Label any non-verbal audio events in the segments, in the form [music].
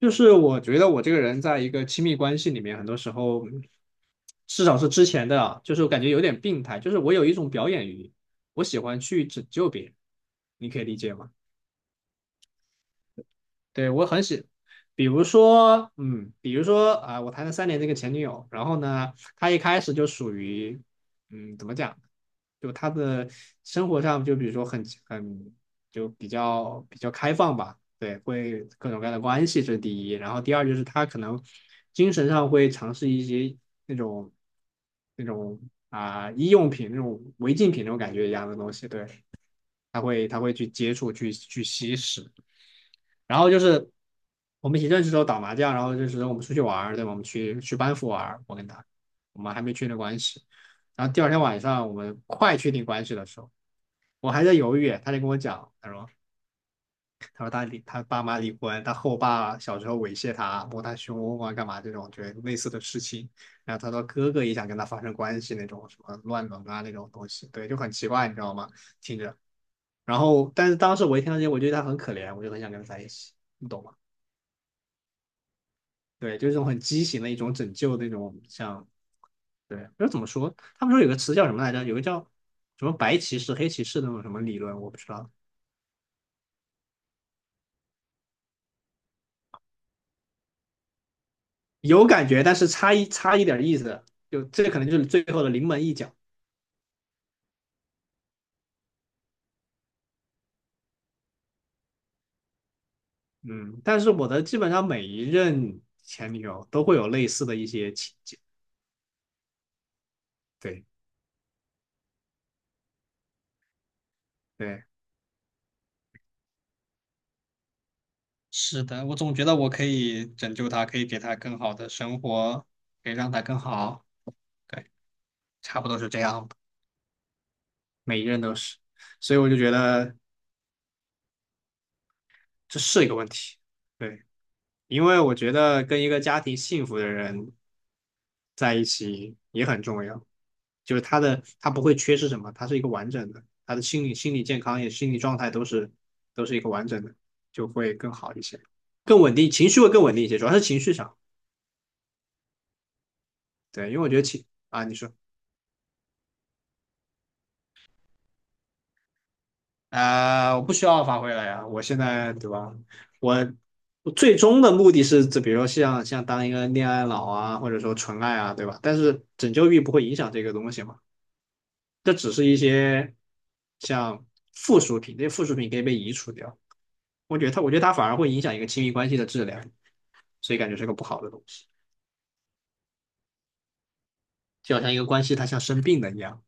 就是我觉得我这个人在一个亲密关系里面，很多时候，至少是之前的啊，就是我感觉有点病态，就是我有一种表演欲，我喜欢去拯救别人，你可以理解吗？对，我很喜，比如说，我谈了三年这个前女友，然后呢，她一开始就属于，怎么讲，就她的生活上，就比如说很就比较开放吧，对，会各种各样的关系，这是第一，然后第二就是她可能精神上会尝试一些那种那种医用品那种违禁品那种感觉一样的东西，对，他会去接触去吸食。然后就是我们一起认识的时候打麻将，然后就是我们出去玩对吧？我们去班服玩我跟他，我们还没确定关系。然后第二天晚上我们快确定关系的时候，我还在犹豫，他就跟我讲，他说他离他爸妈离婚，他后爸小时候猥亵他，摸他胸啊，干嘛这种，就类似的事情。然后他说哥哥也想跟他发生关系那种，什么乱伦啊那种东西，对，就很奇怪，你知道吗？听着。然后，但是当时我一听到这些，我觉得他很可怜，我就很想跟他在一起，你懂吗？对，就是这种很畸形的一种拯救那种，像对，就怎么说？他们说有个词叫什么来着？有个叫什么白骑士、黑骑士那种什么理论，我不知道有感觉，但是差一点意思，就这可能就是最后的临门一脚。嗯，但是我的基本上每一任前女友都会有类似的一些情节。对对，是的，我总觉得我可以拯救她，可以给她更好的生活，可以让她更好。对，差不多是这样吧。每一任都是，所以我就觉得这是一个问题。对，因为我觉得跟一个家庭幸福的人在一起也很重要。就是他的他不会缺失什么，他是一个完整的，他的心理健康也心理状态都是一个完整的，就会更好一些，更稳定，情绪会更稳定一些，主要是情绪上。对，因为我觉得情啊，你说我不需要发挥了呀，我现在对吧？我我最终的目的是，这比如说像当一个恋爱脑啊，或者说纯爱啊，对吧？但是拯救欲不会影响这个东西嘛，这只是一些像附属品，这些附属品可以被移除掉。我觉得它，我觉得它反而会影响一个亲密关系的质量，所以感觉是个不好的东西。就好像一个关系，它像生病了一样。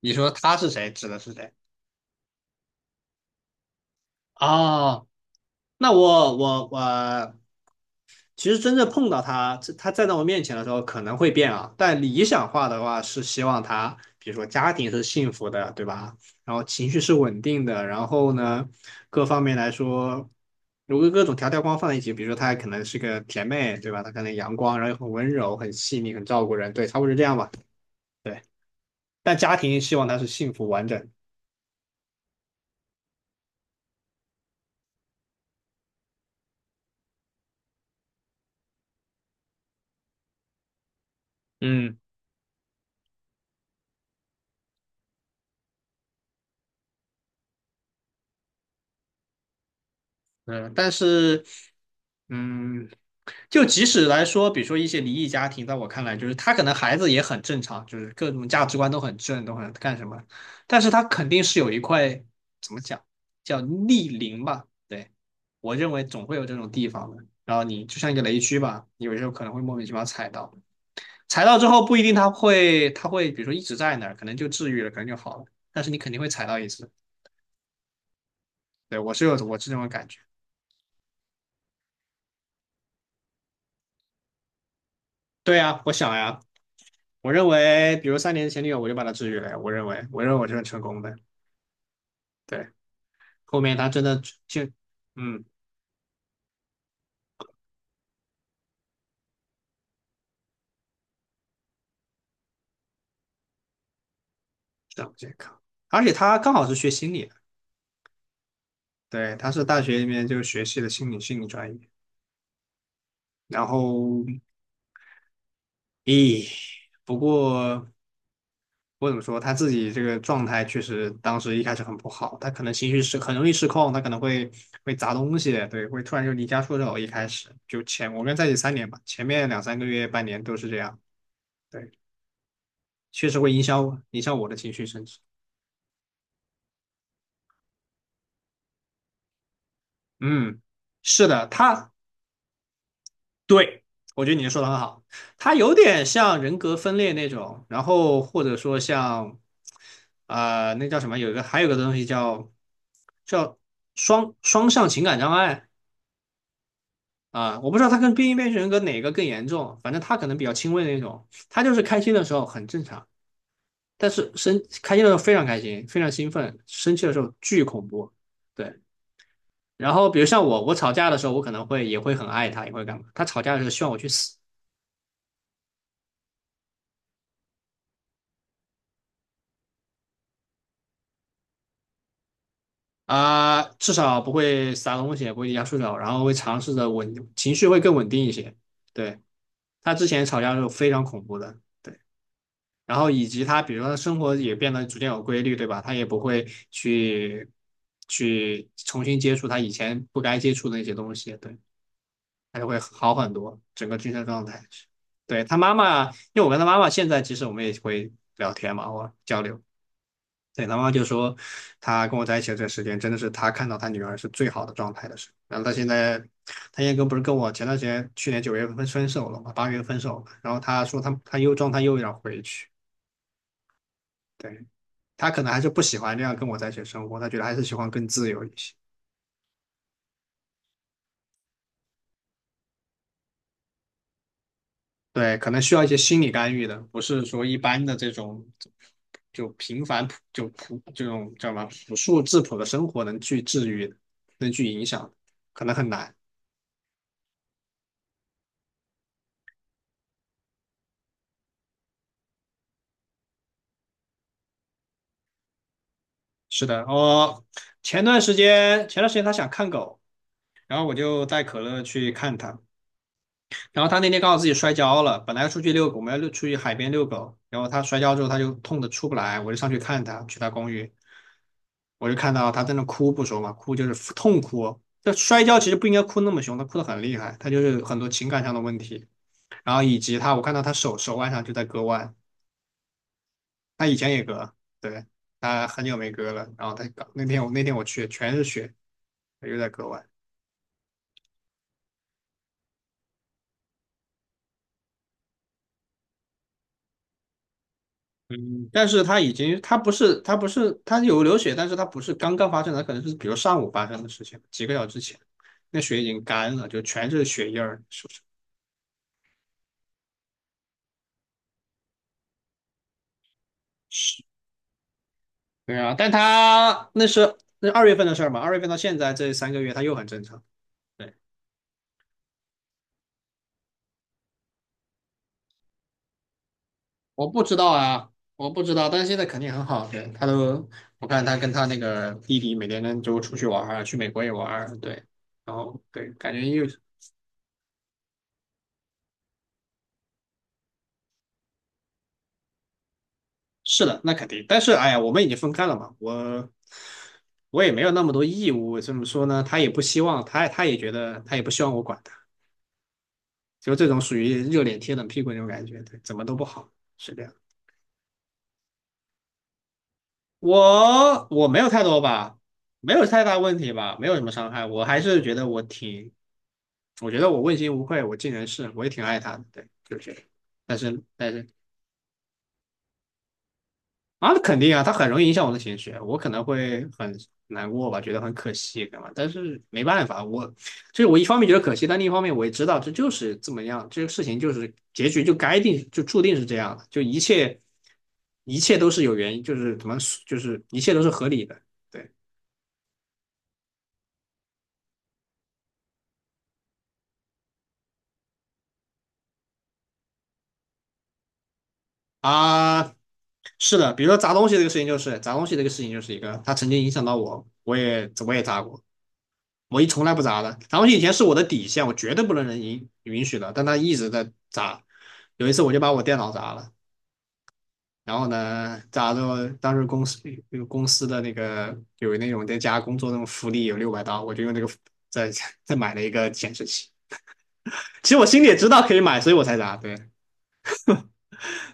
你说他是谁，指的是谁？哦，那我其实真正碰到他，他站在我面前的时候可能会变啊，但理想化的话是希望他，比如说家庭是幸福的，对吧？然后情绪是稳定的，然后呢，各方面来说，如果各种条条框放在一起，比如说她可能是个甜妹，对吧？她可能阳光，然后又很温柔、很细腻、很照顾人，对，差不多是这样吧。对，但家庭希望她是幸福完整。嗯，嗯，但是，嗯，就即使来说，比如说一些离异家庭，在我看来，就是他可能孩子也很正常，就是各种价值观都很正，都很干什么，但是他肯定是有一块怎么讲，叫逆鳞吧？对，我认为总会有这种地方的。然后你就像一个雷区吧，你有时候可能会莫名其妙踩到，踩到之后不一定他会，他会比如说一直在那儿，可能就治愈了，可能就好了，但是你肯定会踩到一次。对，我是这种感觉。对呀，我想呀。我认为，比如三年前女友，我就把她治愈了呀。我认为，我认为我这是成功的。对，后面她真的就，嗯，这样健康，而且她刚好是学心理的，对，她是大学里面就学习的心理专业。然后，咦，不过我怎么说，她自己这个状态确实当时一开始很不好，她可能情绪失很容易失控，她可能会砸东西，对，会突然就离家出走。一开始就前我跟在一起三年吧，前面2、3个月、半年都是这样。对。确实会影响我，影响我的情绪，甚至，嗯，是的，他对我觉得你说的很好，他有点像人格分裂那种，然后或者说像，那叫什么？有一个还有个东西叫叫双向情感障碍啊，我不知道他跟边缘人格哪个更严重，反正他可能比较轻微的那种，他就是开心的时候很正常，但是生开心的时候非常开心，非常兴奋，生气的时候巨恐怖。对。然后比如像我，我吵架的时候，我可能会也会很爱他，也会干嘛。他吵架的时候希望我去死啊、至少不会撒东西，也不会压手脚，然后会尝试着稳，情绪会更稳定一些。对，他之前吵架的时候非常恐怖的，对。然后以及他，比如说他生活也变得逐渐有规律，对吧？他也不会去去重新接触他以前不该接触的那些东西，对，他就会好很多，整个精神状态。对，他妈妈，因为我跟他妈妈现在其实我们也会聊天嘛，我交流。对，他妈妈就说，他跟我在一起的这时间，真的是他看到他女儿是最好的状态的时候。然后他现在，他现在不是跟我前段时间去年9月份分手了嘛，8月份分手了。然后他说他又状态又有要回去，对，他可能还是不喜欢这样跟我在一起的生活，他觉得还是喜欢更自由一些。对，可能需要一些心理干预的，不是说一般的这种就普这种叫什么朴素质朴的生活能去治愈的能去影响的可能很难。是的，我前段时间他想看狗，然后我就带可乐去看他，然后他那天刚好自己摔跤了，本来要出去遛狗，我们要遛出去海边遛狗，然后他摔跤之后他就痛的出不来，我就上去看他，去他公寓，我就看到他在那哭不说嘛，哭就是痛哭，这摔跤其实不应该哭那么凶，他哭得很厉害，他就是很多情感上的问题，然后以及他我看到他手腕上就在割腕，他以前也割，对，他很久没割了，然后他那天我去全是血，他又在割腕。嗯，但是他已经，他不是，他有流血，但是他不是刚刚发生的，可能是比如上午发生的事情，几个小时之前，那血已经干了，就全是血印儿，是不是？是，对啊，但他那是二月份的事儿嘛，二月份到现在这3个月，他又很正常。对，我不知道啊，我不知道，但是现在肯定很好。对，他都，我看他跟他那个弟弟每天就出去玩儿啊去美国也玩儿，对，然后对，感觉又是的，那肯定。但是，哎呀，我们已经分开了嘛，我也没有那么多义务。怎么说呢？他也不希望，他也觉得，他也不希望我管他，就这种属于热脸贴冷屁股那种感觉，对，怎么都不好，是这样。我没有太多吧，没有太大问题吧，没有什么伤害。我还是觉得我挺，我觉得我问心无愧，我尽人事，我也挺爱他的，对，就是。但是啊，那肯定啊，它很容易影响我的情绪，我可能会很难过吧，觉得很可惜，干嘛？但是没办法，我就是我一方面觉得可惜，但另一方面我也知道这就是这么样，这个事情就是结局就该定，就注定是这样的，就一切一切都是有原因，就是怎么就是一切都是合理的，对啊，是的，比如说砸东西这个事情就是砸东西这个事情就是一个，它曾经影响到我，我也砸过，我一从来不砸的，砸东西以前是我的底线，我绝对不能允许的，但他一直在砸。有一次我就把我电脑砸了，然后呢，砸着当时公司那个公司的那个有那种在家工作那种福利有600刀，我就用这个再 [laughs] 再买了一个显示器。其实我心里也知道可以买，所以我才砸。对，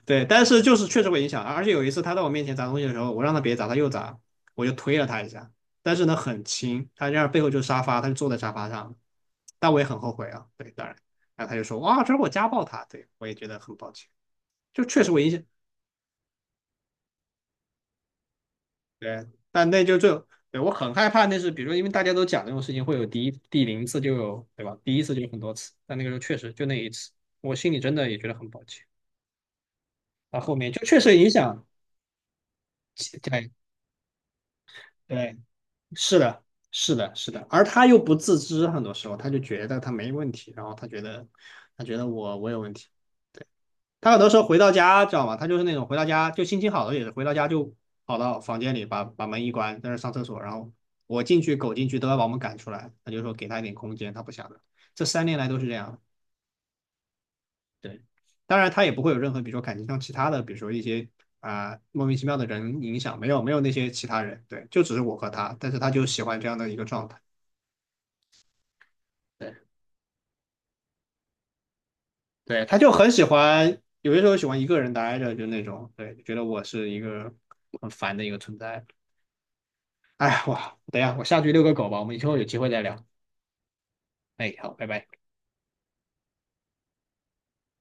对，但是就是确实会影响，而且有一次他在我面前砸东西的时候，我让他别砸，他又砸，我就推了他一下，但是呢很轻，他这样背后就是沙发，他就坐在沙发上，但我也很后悔啊，对，当然，然后他就说哇，这是我家暴他，对我也觉得很抱歉，就确实会影响，对，但那就最后，对我很害怕那是，比如说因为大家都讲这种事情会有第一第零次就有，对吧？第一次就有很多次，但那个时候确实就那一次，我心里真的也觉得很抱歉，到后面就确实影响，对对。是的，是的，是的，而他又不自知，很多时候他就觉得他没问题，然后他觉得我有问题，对，他很多时候回到家，知道吗？他就是那种回到家就心情好了，也是回到家就跑到房间里把门一关，在那上厕所，然后我进去狗进去都要把我们赶出来，他就说给他一点空间，他不想的，这3年来都是这样的对，当然他也不会有任何比如说感情上其他的，比如说一些。啊、莫名其妙的人影响没有没有那些其他人，对，就只是我和他，但是他就喜欢这样的一个状态。对对，他就很喜欢，有些时候喜欢一个人待着，就那种，对，觉得我是一个很烦的一个存在。哎，哇，等一下，我下去遛个狗吧，我们以后有机会再聊。哎，好，拜拜。